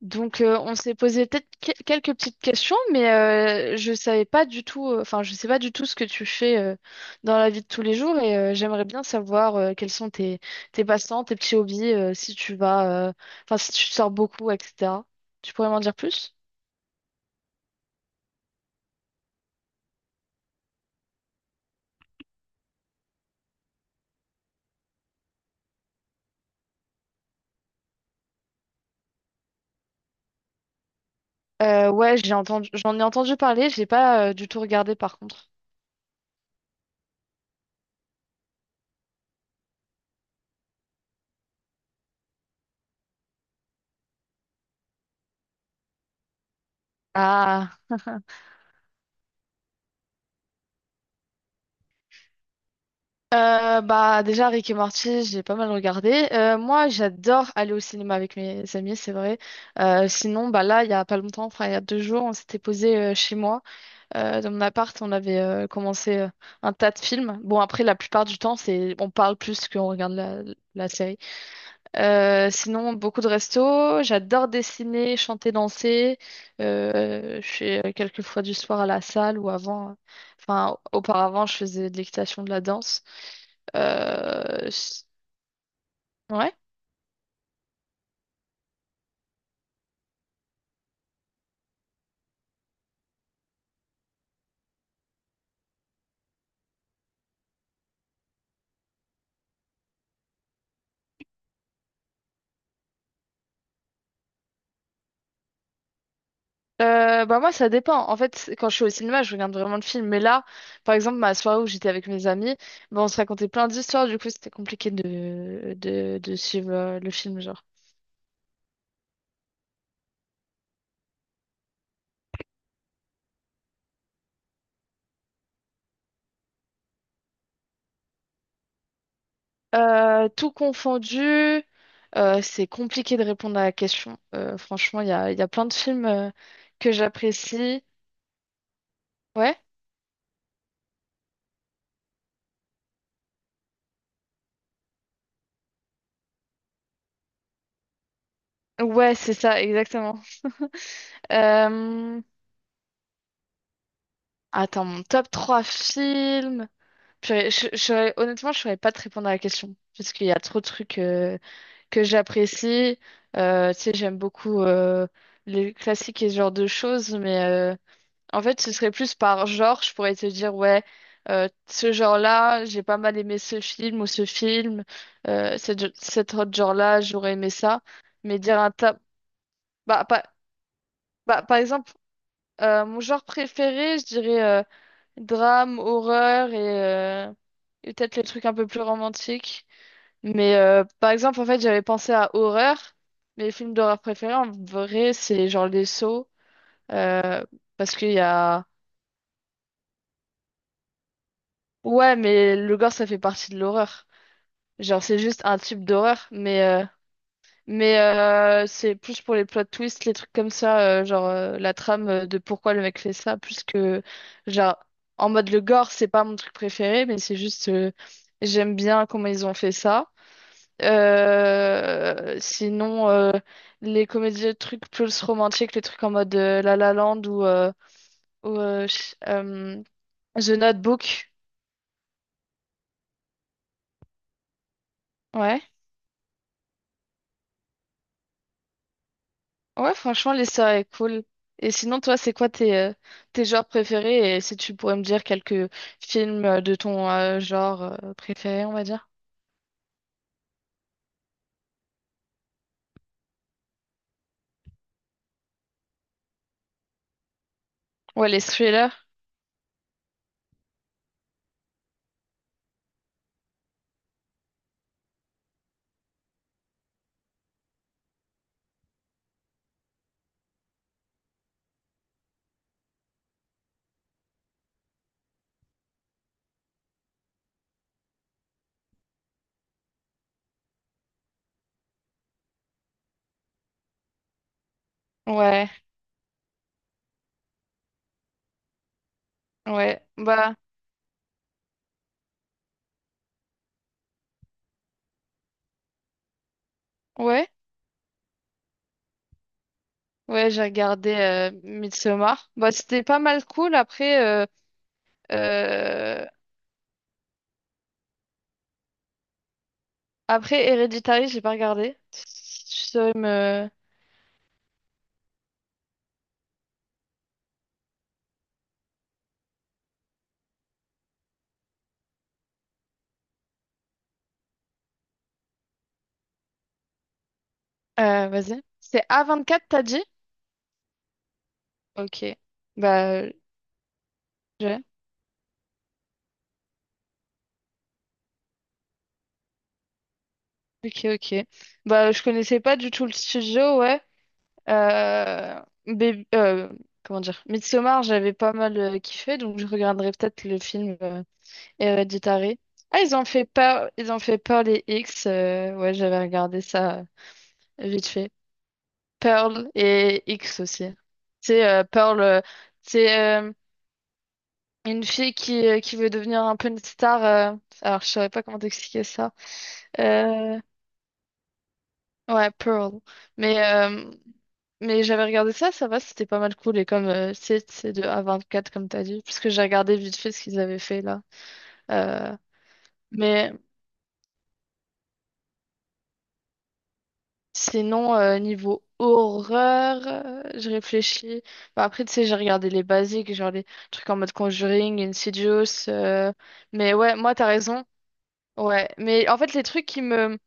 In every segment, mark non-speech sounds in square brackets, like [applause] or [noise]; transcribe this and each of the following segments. On s'est posé peut-être quelques petites questions, mais je savais pas du tout, je sais pas du tout ce que tu fais dans la vie de tous les jours et j'aimerais bien savoir quels sont tes passe-temps, tes petits hobbies, si tu vas, si tu sors beaucoup, etc. Tu pourrais m'en dire plus? Ouais, j'en ai entendu parler, j'ai pas du tout regardé par contre. Ah. Bah déjà Rick et Morty, j'ai pas mal regardé. Moi, j'adore aller au cinéma avec mes amis, c'est vrai. Sinon, bah là, il y a pas longtemps, enfin il y a deux jours, on s'était posé chez moi, dans mon appart, on avait commencé un tas de films. Bon après, la plupart du temps, c'est on parle plus qu'on regarde la série. Sinon, beaucoup de restos. J'adore dessiner, chanter, danser. Je fais quelques fois du sport à la salle ou avant. Enfin, auparavant, je faisais de l'équitation, de la danse. Euh, s- ouais. Bah moi, ça dépend. En fait, quand je suis au cinéma, je regarde vraiment le film. Mais là, par exemple, ma soirée où j'étais avec mes amis, bah, on se racontait plein d'histoires. Du coup, c'était compliqué de suivre le film, genre. Tout confondu, c'est compliqué de répondre à la question. Franchement, il y a plein de films que j'apprécie. Ouais? Ouais, c'est ça, exactement. [laughs] Euh, Attends, mon top 3 films. Purée, honnêtement, je ne saurais pas te répondre à la question, parce qu'il y a trop de trucs que j'apprécie. Tu sais, j'aime beaucoup les classiques et ce genre de choses, mais en fait, ce serait plus par genre, je pourrais te dire, ouais, ce genre-là, j'ai pas mal aimé ce film ou ce film, cet autre genre-là, j'aurais aimé ça. Mais dire un tas... Bah, pas- bah, par exemple, mon genre préféré, je dirais drame, horreur euh, et peut-être les trucs un peu plus romantiques. Mais par exemple, en fait, j'avais pensé à horreur. Mes films d'horreur préférés, en vrai, c'est genre Les Sceaux, euh, parce qu'il y a... Ouais, mais le gore, ça fait partie de l'horreur. Genre, c'est juste un type d'horreur, mais c'est plus pour les plot twists, les trucs comme ça, genre la trame de pourquoi le mec fait ça, plus que, genre, en mode le gore, c'est pas mon truc préféré, mais c'est juste, j'aime bien comment ils ont fait ça. Sinon, les comédies, les trucs plus romantiques, les trucs en mode La La Land ou The Notebook, ouais. Ouais, franchement, l'histoire est cool. Et sinon, toi, c'est quoi tes, tes genres préférés? Et si tu pourrais me dire quelques films de ton genre préféré, on va dire. Ouais, les thrillers. Ouais, ouais. Bah, ouais. Ouais, j'ai regardé Midsommar. Bah, c'était pas mal cool. Après, euh, après Hereditary, j'ai pas regardé. Si tu saurais me... Vas-y. C'est a quatre t'as dit? Ok. Bah, j'ai. Ok, ok. Bah, je connaissais pas du tout le studio, ouais. Euh, Baby- euh, Comment dire? Midsommar, j'avais pas mal kiffé, donc je regarderai peut-être le film Héréditary. Ah, ils ont fait Pearl, ils ont fait Pearl et X. Ouais, j'avais regardé ça vite fait. Pearl et X aussi. C'est Pearl, c'est une fille qui veut devenir un peu une star. Alors, je saurais pas comment t'expliquer ça. Euh, ouais, Pearl. Mais euh, Mais j'avais regardé ça, ça va, c'était pas mal cool. Et comme c'est de A24, comme t'as dit, puisque j'ai regardé vite fait ce qu'ils avaient fait là. Euh, mais sinon, niveau horreur, je réfléchis. Bah, après, tu sais, j'ai regardé les basiques, genre les trucs en mode Conjuring, Insidious. Mais ouais, moi, t'as raison. Ouais, mais en fait, les trucs qui me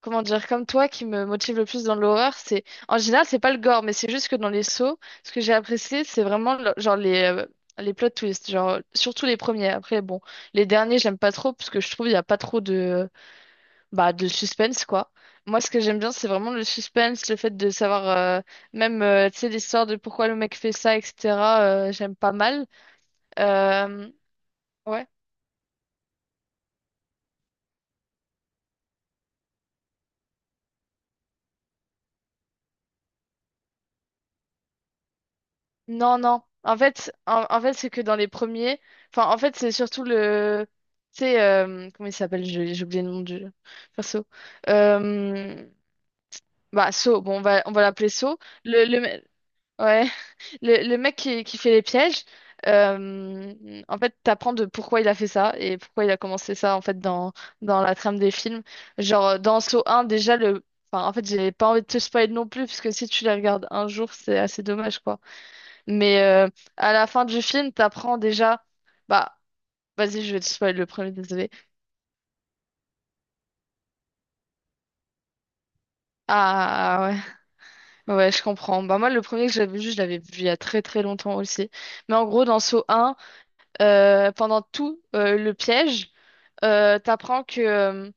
comment dire, comme toi, qui me motive le plus dans l'horreur, c'est en général, c'est pas le gore, mais c'est juste que dans les sauts, ce que j'ai apprécié, genre les plot twists, genre surtout les premiers. Après, bon, les derniers, j'aime pas trop parce que je trouve il y a pas trop de bah de suspense quoi. Moi, ce que j'aime bien, c'est vraiment le suspense, le fait de savoir euh, même tu sais l'histoire de pourquoi le mec fait ça, etc. J'aime pas mal. Euh, ouais. Non, non. En fait, c'est que dans les premiers. Enfin, en fait, c'est surtout le. Tu sais, comment il s'appelle? J'ai oublié le nom du perso. Euh, Bah, So. Bon, on va l'appeler So. Le, le, me- ouais. [laughs] Le mec qui fait les pièges. euh, En fait, t'apprends de pourquoi il a fait ça et pourquoi il a commencé ça, en fait, dans la trame des films. Genre, dans So un déjà, le. Enfin, en fait, j'ai pas envie de te spoiler non plus, parce que si tu les regardes un jour, c'est assez dommage, quoi. Mais à la fin du film, t'apprends déjà. Bah, vas-y, je vais te spoiler le premier, désolé. Ah ouais, ouais, je comprends. Bah moi, le premier que j'avais vu, je l'avais vu il y a très très longtemps aussi. Mais en gros, dans Saw un pendant tout le piège. T'apprends que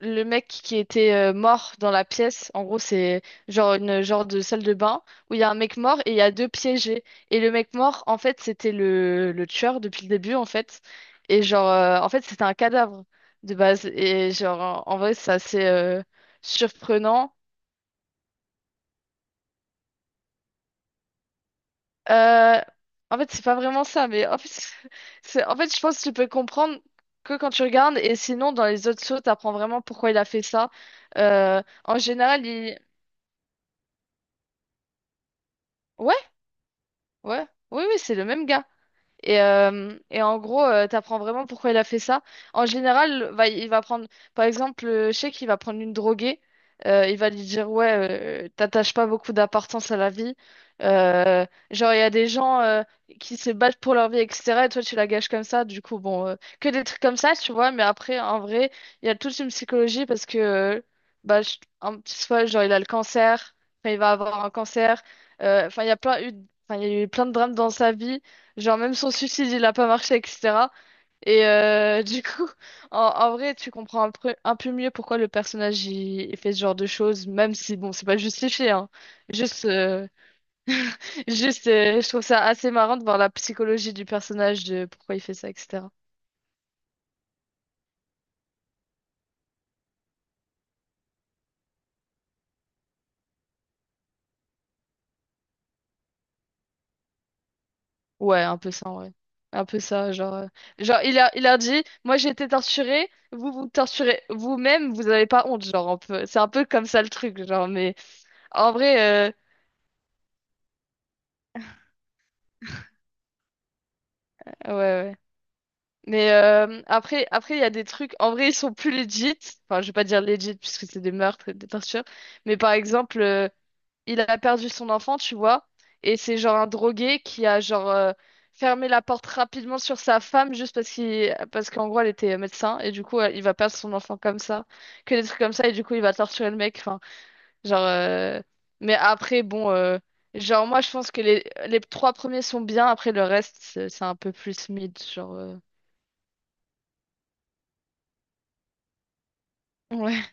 le mec qui était mort dans la pièce, en gros, c'est genre une genre de salle de bain où il y a un mec mort et il y a deux piégés. Et le mec mort, en fait, c'était le tueur depuis le début, en fait. Et genre, en fait, c'était un cadavre de base. Et genre, en vrai, c'est assez surprenant. Euh, En fait, c'est pas vraiment ça, mais en fait, [laughs] c'est, en fait, je pense que tu peux comprendre que quand tu regardes, et sinon, dans les autres shows, t'apprends vraiment pourquoi il a fait ça. En général, il... Ouais, ouais, oui, oui, c'est le même gars. Et en gros, t'apprends vraiment pourquoi il a fait ça. En général, il va prendre, par exemple, je sais qu'il va prendre une droguée, il va lui dire, ouais, t'attaches pas beaucoup d'importance à la vie. Euh, genre, il y a des gens qui se battent pour leur vie, etc. Et toi, tu la gâches comme ça. Du coup, bon, que des trucs comme ça, tu vois. Mais après, en vrai, il y a toute une psychologie parce que, bah, je- un petit soit, genre, il a le cancer, enfin, il va avoir un cancer. Euh, Enfin, il y a plein eu, enfin, il y a eu plein de drames dans sa vie. Genre même son suicide, il a pas marché, etc. Et du coup, [laughs] en vrai, tu comprends un peu mieux pourquoi le personnage il fait ce genre de choses, même si bon, c'est pas justifié, hein. Juste, euh, [laughs] juste, je trouve ça assez marrant de voir la psychologie du personnage, de pourquoi il fait ça, etc. Ouais, un peu ça, ouais. Un peu ça, genre il a dit, moi j'ai été torturé, vous vous torturez vous-même, vous avez pas honte, genre un peu. C'est un peu comme ça le truc, genre. Mais en vrai, ouais, ouais. Mais après, après, il y a des trucs. En vrai, ils sont plus legit. Enfin, je vais pas dire legit puisque c'est des meurtres et des tortures. Mais par exemple, il a perdu son enfant, tu vois. Et c'est genre un drogué qui a genre fermé la porte rapidement sur sa femme juste parce qu'il, parce qu'en gros, elle était médecin. Et du coup, il va perdre son enfant comme ça. Que des trucs comme ça. Et du coup, il va torturer le mec. Enfin, genre. Mais après, bon. Genre, moi, je pense que les trois premiers sont bien. Après, le reste, c'est un peu plus mid. Genre. Ouais.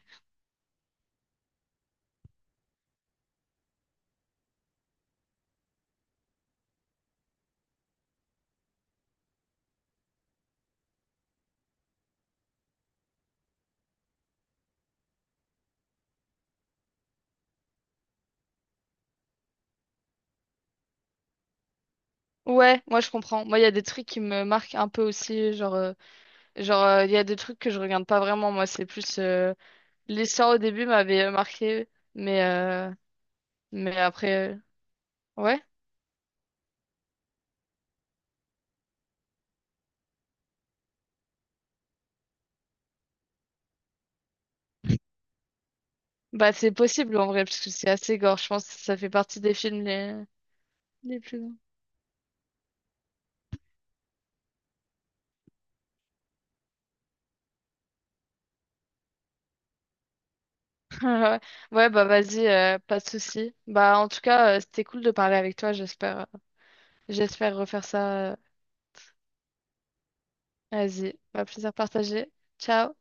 Ouais, moi je comprends. Moi, il y a des trucs qui me marquent un peu aussi. Genre, il y a des trucs que je regarde pas vraiment. Moi, c'est plus l'histoire au début m'avait marqué, mais euh, mais après, ouais. Bah, c'est possible en vrai parce que c'est assez gore. Je pense que ça fait partie des films les plus gore. [laughs] Ouais, bah vas-y, pas de souci. Bah, en tout cas, c'était cool de parler avec toi. J'espère refaire ça. Vas-y, bah plaisir partagé. Ciao.